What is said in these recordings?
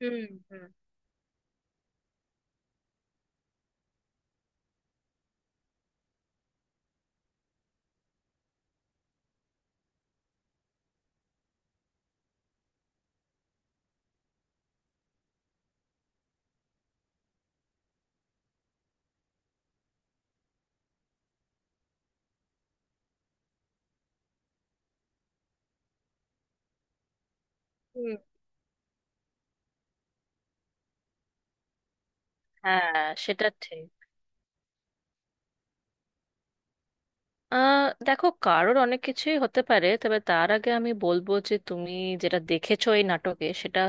হুম হুম হুম, হ্যাঁ, সেটা ঠিক। দেখো, কারোর অনেক কিছুই হতে পারে, তবে তার আগে আমি বলবো যে তুমি যেটা দেখেছো এই নাটকে, সেটা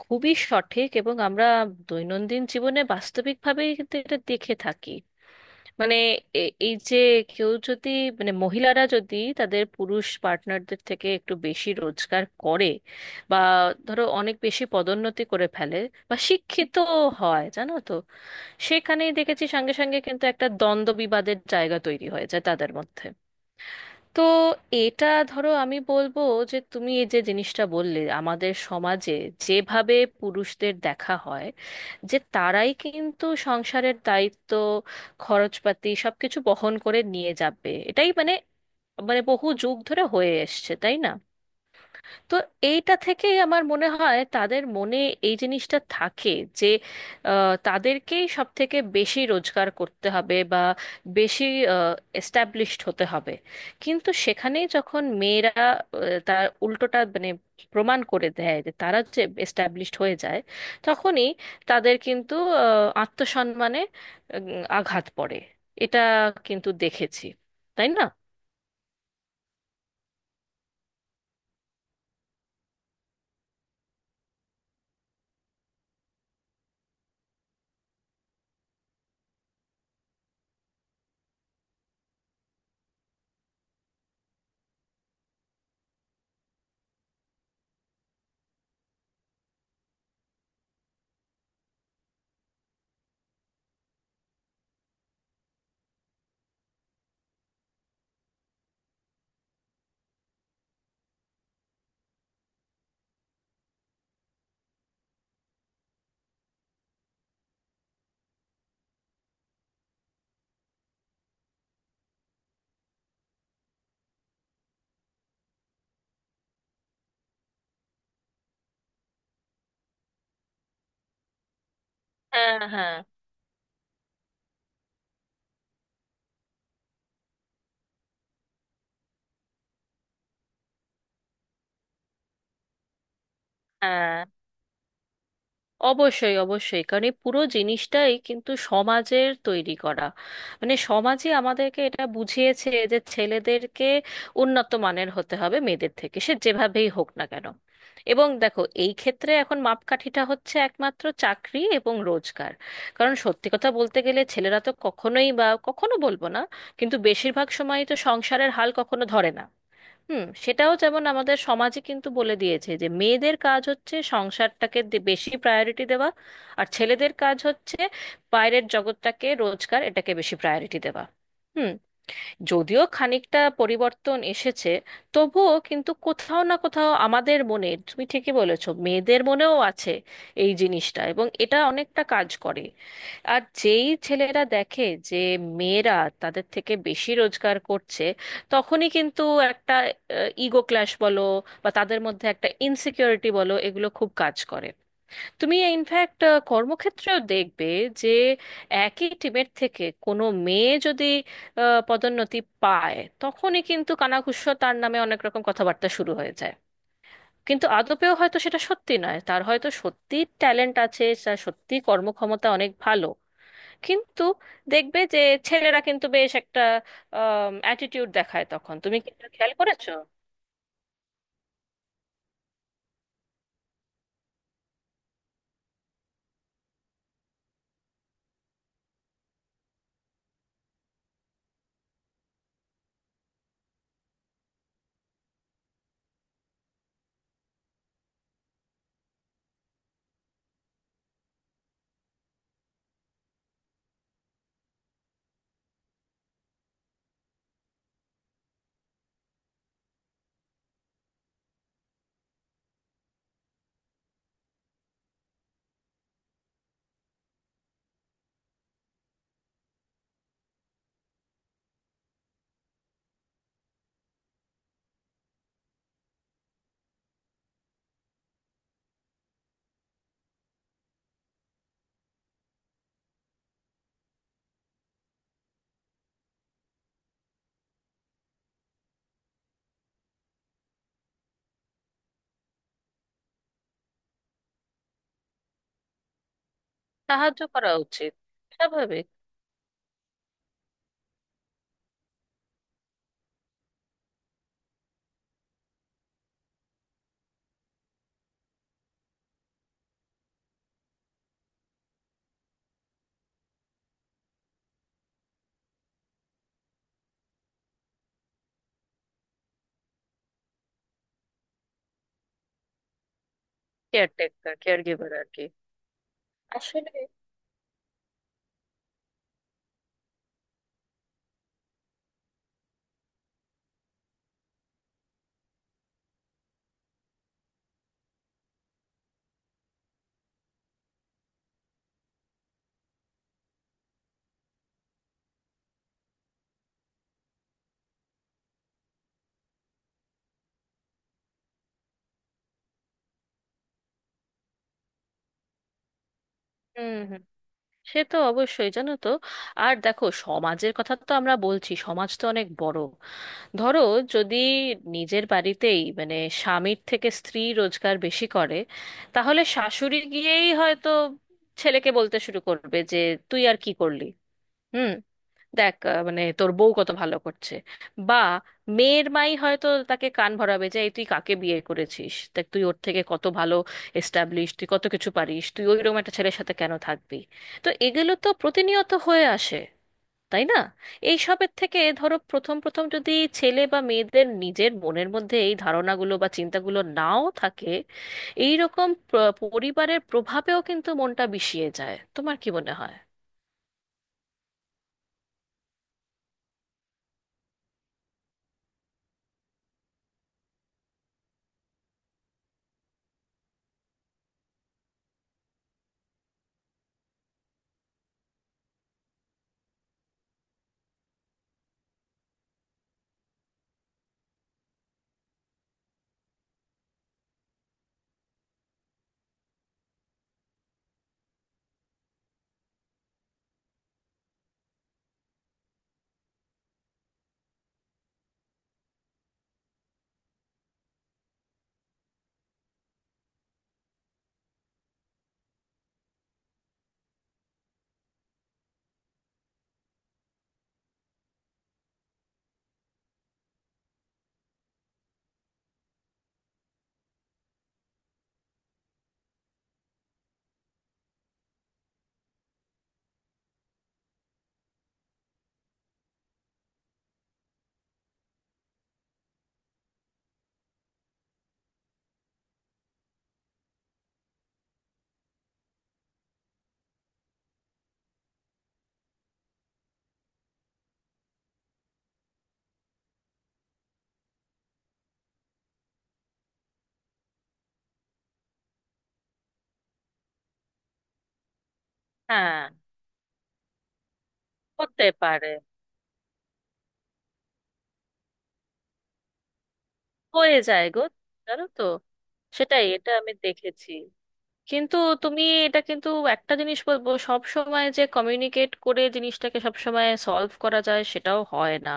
খুবই সঠিক। এবং আমরা দৈনন্দিন জীবনে বাস্তবিকভাবেই কিন্তু এটা দেখে থাকি। মানে এই যে, কেউ যদি, মানে মহিলারা যদি তাদের পুরুষ পার্টনারদের থেকে একটু বেশি রোজগার করে, বা ধরো অনেক বেশি পদোন্নতি করে ফেলে, বা শিক্ষিত হয়, জানো তো, সেখানেই দেখেছি সঙ্গে সঙ্গে কিন্তু একটা দ্বন্দ্ব বিবাদের জায়গা তৈরি হয়েছে তাদের মধ্যে। তো এটা, ধরো আমি বলবো যে তুমি এই যে জিনিসটা বললে আমাদের সমাজে যেভাবে পুরুষদের দেখা হয়, যে তারাই কিন্তু সংসারের দায়িত্ব, খরচপাতি সবকিছু বহন করে নিয়ে যাবে, এটাই মানে, মানে বহু যুগ ধরে হয়ে এসছে, তাই না। তো এইটা থেকেই আমার মনে হয় তাদের মনে এই জিনিসটা থাকে যে তাদেরকেই সব থেকে বেশি রোজগার করতে হবে বা বেশি এস্টাবলিশড হতে হবে। কিন্তু সেখানেই যখন মেয়েরা তার উল্টোটা মানে প্রমাণ করে দেয়, যে তারা যে এস্টাবলিশড হয়ে যায়, তখনই তাদের কিন্তু আহ, আত্মসম্মানে আঘাত পড়ে। এটা কিন্তু দেখেছি, তাই না। হ্যাঁ হ্যাঁ, হ্যাঁ অবশ্যই, অবশ্যই। কারণ এই পুরো জিনিসটাই কিন্তু সমাজের তৈরি করা। মানে সমাজই আমাদেরকে এটা বুঝিয়েছে যে ছেলেদেরকে উন্নত মানের হতে হবে মেয়েদের থেকে, সে যেভাবেই হোক না কেন। এবং দেখো এই ক্ষেত্রে এখন মাপকাঠিটা হচ্ছে একমাত্র চাকরি এবং রোজগার। কারণ সত্যি কথা বলতে গেলে ছেলেরা তো কখনোই, বা কখনো বলবো না, কিন্তু বেশিরভাগ সময়ই তো সংসারের হাল কখনো ধরে না। হুম, সেটাও যেমন আমাদের সমাজে কিন্তু বলে দিয়েছে যে মেয়েদের কাজ হচ্ছে সংসারটাকে বেশি প্রায়োরিটি দেওয়া, আর ছেলেদের কাজ হচ্ছে বাইরের জগৎটাকে, রোজগার, এটাকে বেশি প্রায়োরিটি দেওয়া। হুম। যদিও খানিকটা পরিবর্তন এসেছে, তবুও কিন্তু কোথাও না কোথাও আমাদের মনে, তুমি ঠিকই বলেছো, মেয়েদের মনেও আছে এই জিনিসটা, এবং এটা অনেকটা কাজ করে। আর যেই ছেলেরা দেখে যে মেয়েরা তাদের থেকে বেশি রোজগার করছে, তখনই কিন্তু একটা ইগো ক্ল্যাশ বলো, বা তাদের মধ্যে একটা ইনসিকিউরিটি বলো, এগুলো খুব কাজ করে। তুমি ইনফ্যাক্ট কর্মক্ষেত্রেও দেখবে যে একই টিমের থেকে কোনো মেয়ে যদি পদোন্নতি পায়, তখনই কিন্তু কানাঘুষো, তার নামে অনেক রকম কথাবার্তা শুরু হয়ে যায়। কিন্তু আদপেও হয়তো সেটা সত্যি নয়, তার হয়তো সত্যি ট্যালেন্ট আছে, তার সত্যি কর্মক্ষমতা অনেক ভালো। কিন্তু দেখবে যে ছেলেরা কিন্তু বেশ একটা অ্যাটিটিউড দেখায় তখন। তুমি কি এটা খেয়াল করেছো? সাহায্য করা উচিত। স্বাভাবিক। কেয়ারটেকার, কেয়ার গিভার আর কি। হুম হুম, সে তো অবশ্যই, জানো তো। আর দেখো, সমাজের কথা তো আমরা বলছি, সমাজ তো অনেক বড়। ধরো যদি নিজের বাড়িতেই মানে স্বামীর থেকে স্ত্রী রোজগার বেশি করে, তাহলে শাশুড়ি গিয়েই হয়তো ছেলেকে বলতে শুরু করবে যে তুই আর কি করলি। হুম। দেখ মানে তোর বউ কত ভালো করছে। বা মেয়ের মাই হয়তো তাকে কান ভরাবে যে এই তুই কাকে বিয়ে করেছিস, দেখ তুই ওর থেকে কত ভালো এস্টাবলিশ, তুই কত কিছু পারিস, তুই ওইরকম একটা ছেলের সাথে কেন থাকবি। তো এগুলো তো প্রতিনিয়ত হয়ে আসে, তাই না। এই সবের থেকে ধরো, প্রথম প্রথম যদি ছেলে বা মেয়েদের নিজের মনের মধ্যে এই ধারণাগুলো বা চিন্তাগুলো নাও থাকে, এই রকম পরিবারের প্রভাবেও কিন্তু মনটা বিষিয়ে যায়। তোমার কি মনে হয়? হ্যাঁ, হতে পারে। হয়ে যায় গো, জানো তো। সেটাই, এটা আমি দেখেছি। কিন্তু তুমি এটা, কিন্তু একটা জিনিস বলবো, সব সময় যে কমিউনিকেট করে জিনিসটাকে সব সময় সলভ করা যায়, সেটাও হয় না।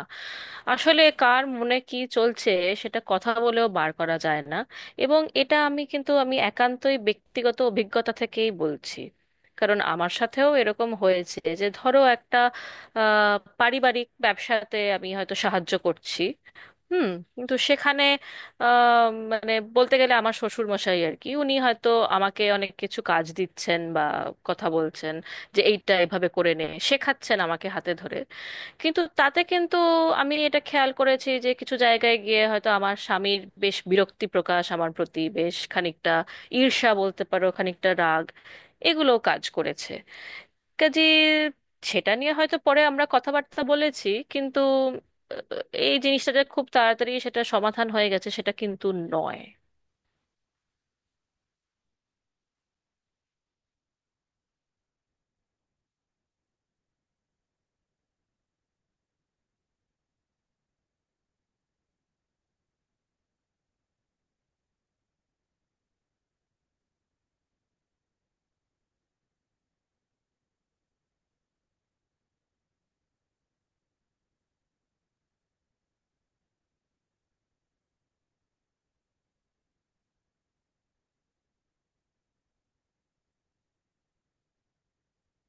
আসলে কার মনে কি চলছে সেটা কথা বলেও বার করা যায় না। এবং এটা আমি কিন্তু, আমি একান্তই ব্যক্তিগত অভিজ্ঞতা থেকেই বলছি, কারণ আমার সাথেও এরকম হয়েছে। যে ধরো একটা পারিবারিক ব্যবসাতে আমি হয়তো সাহায্য করছি। হুম। কিন্তু সেখানে আহ, মানে বলতে গেলে আমার শ্বশুর মশাই আর কি, উনি হয়তো আমাকে অনেক কিছু কাজ দিচ্ছেন বা কথা বলছেন যে এইটা এভাবে করে নে, শেখাচ্ছেন আমাকে হাতে ধরে। কিন্তু তাতে কিন্তু আমি এটা খেয়াল করেছি যে কিছু জায়গায় গিয়ে হয়তো আমার স্বামীর বেশ বিরক্তি প্রকাশ, আমার প্রতি বেশ খানিকটা ঈর্ষা বলতে পারো, খানিকটা রাগ, এগুলো কাজ করেছে কাজে। সেটা নিয়ে হয়তো পরে আমরা কথাবার্তা বলেছি, কিন্তু আহ, এই জিনিসটা যে খুব তাড়াতাড়ি সেটা সমাধান হয়ে গেছে, সেটা কিন্তু নয়।